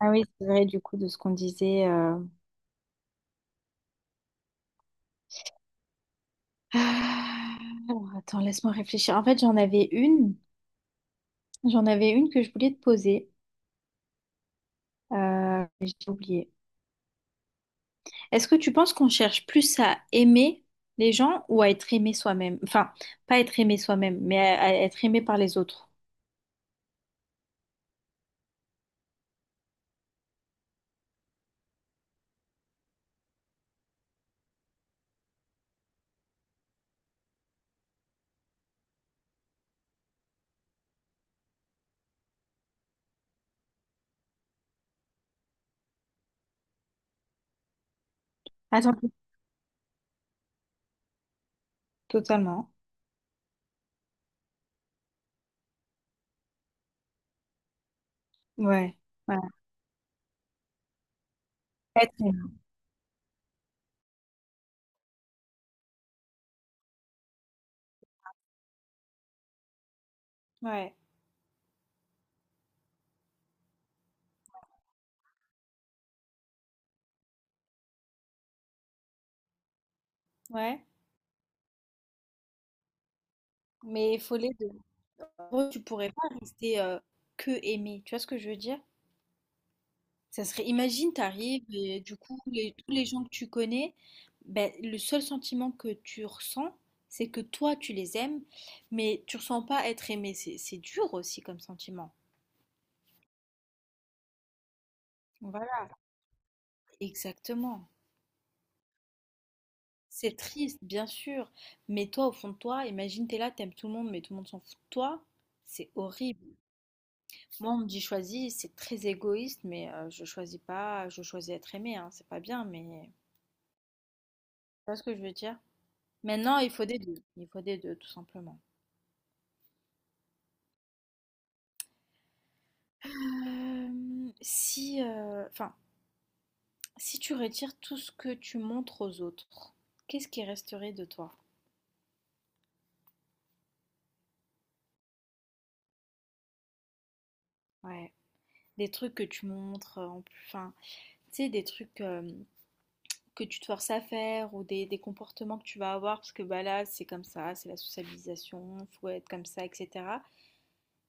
Ah oui, c'est vrai, du coup, de ce qu'on disait. Ah, Alors, attends, laisse-moi réfléchir. En fait, j'en avais une. J'en avais une que je voulais te poser. J'ai oublié. Est-ce que tu penses qu'on cherche plus à aimer les gens ou à être aimé soi-même? Enfin, pas être aimé soi-même, mais à être aimé par les autres. Attends, totalement. Ouais. Voilà. Être aimé. Ouais, ouais. Mais il faut les deux. En gros, tu pourrais pas rester que aimé. Tu vois ce que je veux dire? Ça serait, imagine, t'arrives et du coup, tous les gens que tu connais, ben, le seul sentiment que tu ressens, c'est que toi, tu les aimes, mais tu ressens pas être aimé. C'est dur aussi comme sentiment. Voilà, exactement. C'est triste, bien sûr, mais toi, au fond de toi, imagine, t'es là, t'aimes tout le monde, mais tout le monde s'en fout de toi. C'est horrible. Moi, on me dit choisis, c'est très égoïste, mais je choisis pas, je choisis être aimé, hein, c'est pas bien, mais tu vois ce que je veux dire? Maintenant, il faut des deux, il faut des deux, tout simplement. Si, enfin, si tu retires tout ce que tu montres aux autres, qu'est-ce qui resterait de toi? Ouais, des trucs que tu montres, en plus, enfin, tu sais, des trucs, que tu te forces à faire ou des comportements que tu vas avoir parce que bah là, c'est comme ça, c'est la socialisation, faut être comme ça, etc.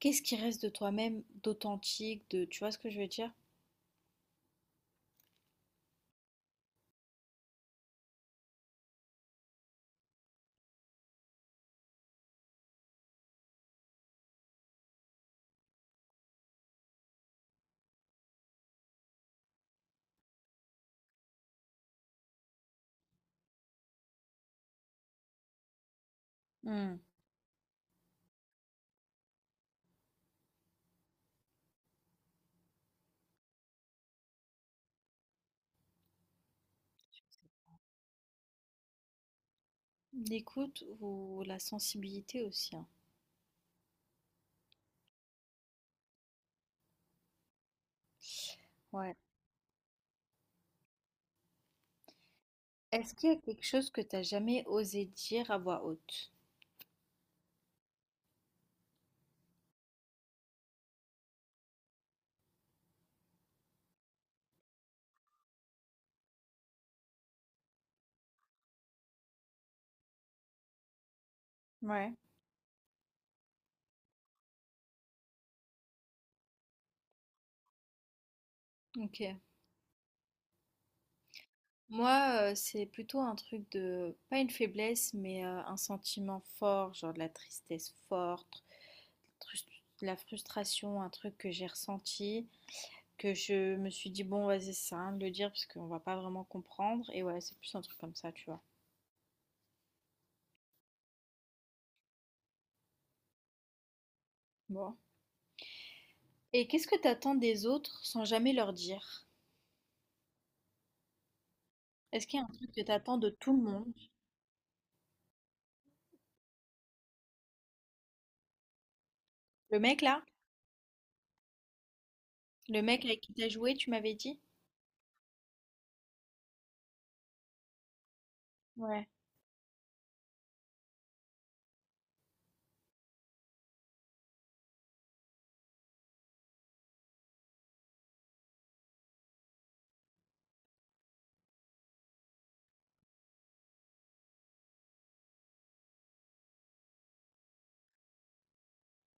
Qu'est-ce qui reste de toi-même d'authentique, de, tu vois ce que je veux dire? Hmm. L'écoute ou la sensibilité aussi, hein. Ouais. Est-ce qu'il y a quelque chose que t'as jamais osé dire à voix haute? Ouais. OK. Moi, c'est plutôt un truc de, pas une faiblesse, mais un sentiment fort, genre de la tristesse forte, trus- de la frustration, un truc que j'ai ressenti, que je me suis dit, bon, vas-y, c'est ça, de le dire parce qu'on va pas vraiment comprendre. Et ouais, c'est plus un truc comme ça, tu vois. Bon. Et qu'est-ce que t'attends des autres sans jamais leur dire? Est-ce qu'il y a un truc que t'attends de tout le monde? Le mec là? Le mec avec qui t'as joué, tu m'avais dit? Ouais.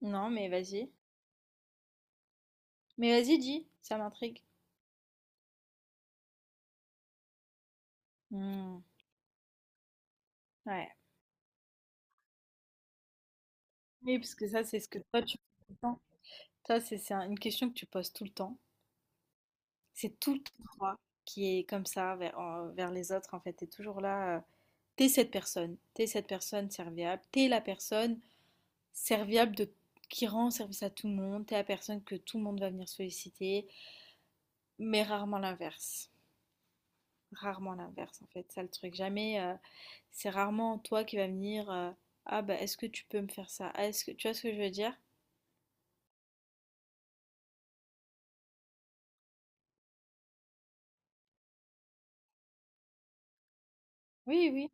Non, mais vas-y. Mais vas-y, dis, ça m'intrigue. Hmm. Ouais. Oui, parce que ça, c'est ce que toi, tu poses tout le temps. Ça, c'est une question que tu poses tout le temps. C'est tout le temps toi qui est comme ça vers, vers les autres, en fait. T'es toujours là. T'es cette personne. T'es cette personne serviable. T'es la personne serviable de... qui rend service à tout le monde. T'es la personne que tout le monde va venir solliciter, mais rarement l'inverse. Rarement l'inverse, en fait, c'est ça le truc. Jamais, c'est rarement toi qui vas venir, ah bah est-ce que tu peux me faire ça? Ah, est-ce que tu vois ce que je veux dire? Oui, oui.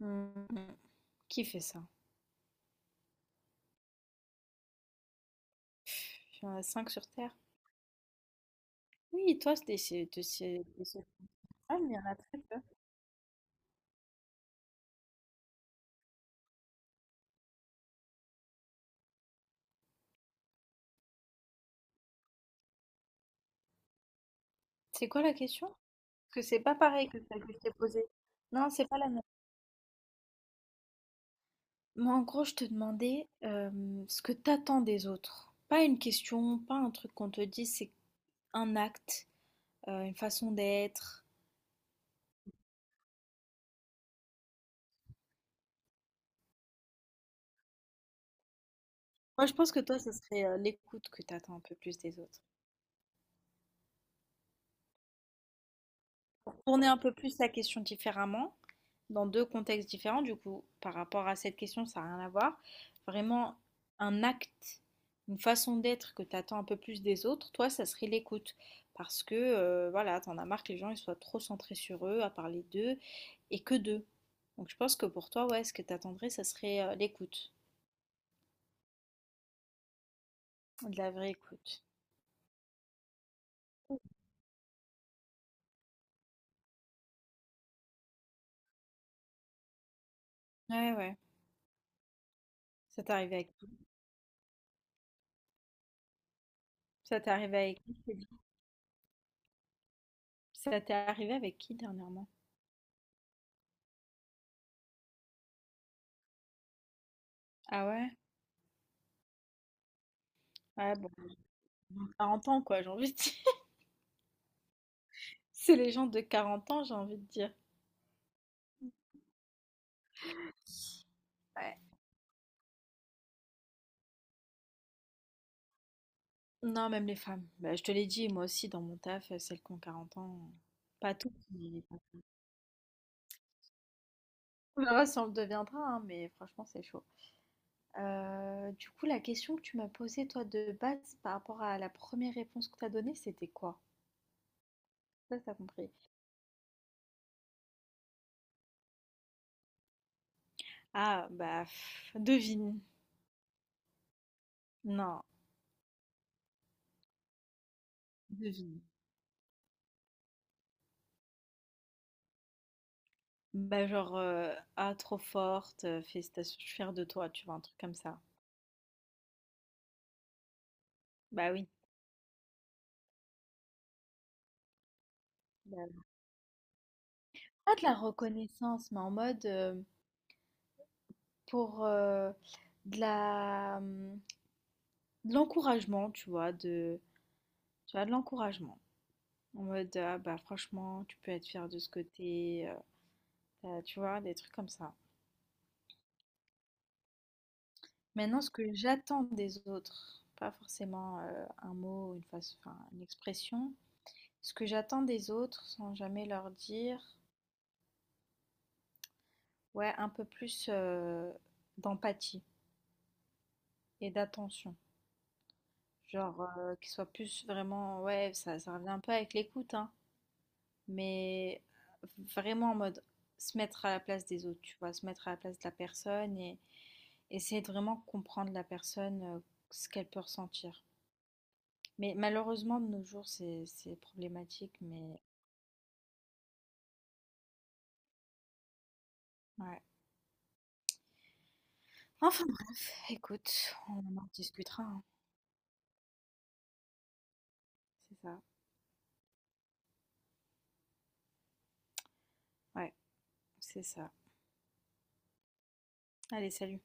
Mm, mm. Qui fait ça? Il y en a 5 sur Terre. Oui, toi, c'est Ah, mais il y en a très peu. C'est quoi la question? Parce que c'est pas pareil que celle que je t'ai posée. Non, c'est pas la même. Moi, en gros, je te demandais ce que t'attends des autres. Pas une question, pas un truc qu'on te dit, c'est un acte, une façon d'être. Moi, je pense que toi, ce serait l'écoute que tu attends un peu plus des autres. Tourner un peu plus la question différemment, dans deux contextes différents, du coup, par rapport à cette question, ça n'a rien à voir. Vraiment, un acte, une façon d'être que tu attends un peu plus des autres, toi, ça serait l'écoute. Parce que, voilà, t'en as marre que les gens ils soient trop centrés sur eux, à parler d'eux, et que d'eux. Donc, je pense que pour toi, ouais, ce que tu attendrais, ça serait l'écoute, de la vraie écoute. Ouais, ouais. Ça t'est arrivé avec qui? Ça t'est arrivé avec qui? Ça t'est arrivé avec qui dernièrement? Ah ouais? Ouais, bon, 40 ans quoi, j'ai envie de dire. C'est les gens de 40 ans, j'ai envie de dire. Ouais. Non, même les femmes. Bah, je te l'ai dit, moi aussi dans mon taf, celles qui ont 40 ans, pas toutes, mais toutes. On verra si on le deviendra, hein, mais franchement c'est chaud. Du coup, la question que tu m'as posée toi de base par rapport à la première réponse que t'as donnée, c'était quoi? Ça, t'as compris. Ah, bah, pff, devine. Non, devine. Bah, genre, «Ah trop forte, félicitations, je suis fière de toi», tu vois? Un truc comme ça. Bah oui. Bah oui. Pas de la reconnaissance, mais en mode, pour, de la, de l'encouragement, tu vois? De tu vois? De l'encouragement. En mode: «Ah bah franchement, tu peux être fière de ce côté tu es», bah, tu vois? Des trucs comme ça. Maintenant ce que j'attends des autres, pas forcément, un mot ou une façon enfin une expression. Ce que j'attends des autres sans jamais leur dire. Ouais, un peu plus, d'empathie et d'attention. Genre, qu'il soit plus vraiment ouais, ça revient un peu avec l'écoute, hein, mais vraiment en mode se mettre à la place des autres, tu vois? Se mettre à la place de la personne et essayer de vraiment comprendre la personne, ce qu'elle peut ressentir. Mais malheureusement, de nos jours, c'est problématique, mais ouais. Enfin bref, écoute, on en discutera, hein. C'est ça, ouais, c'est ça. Allez, salut.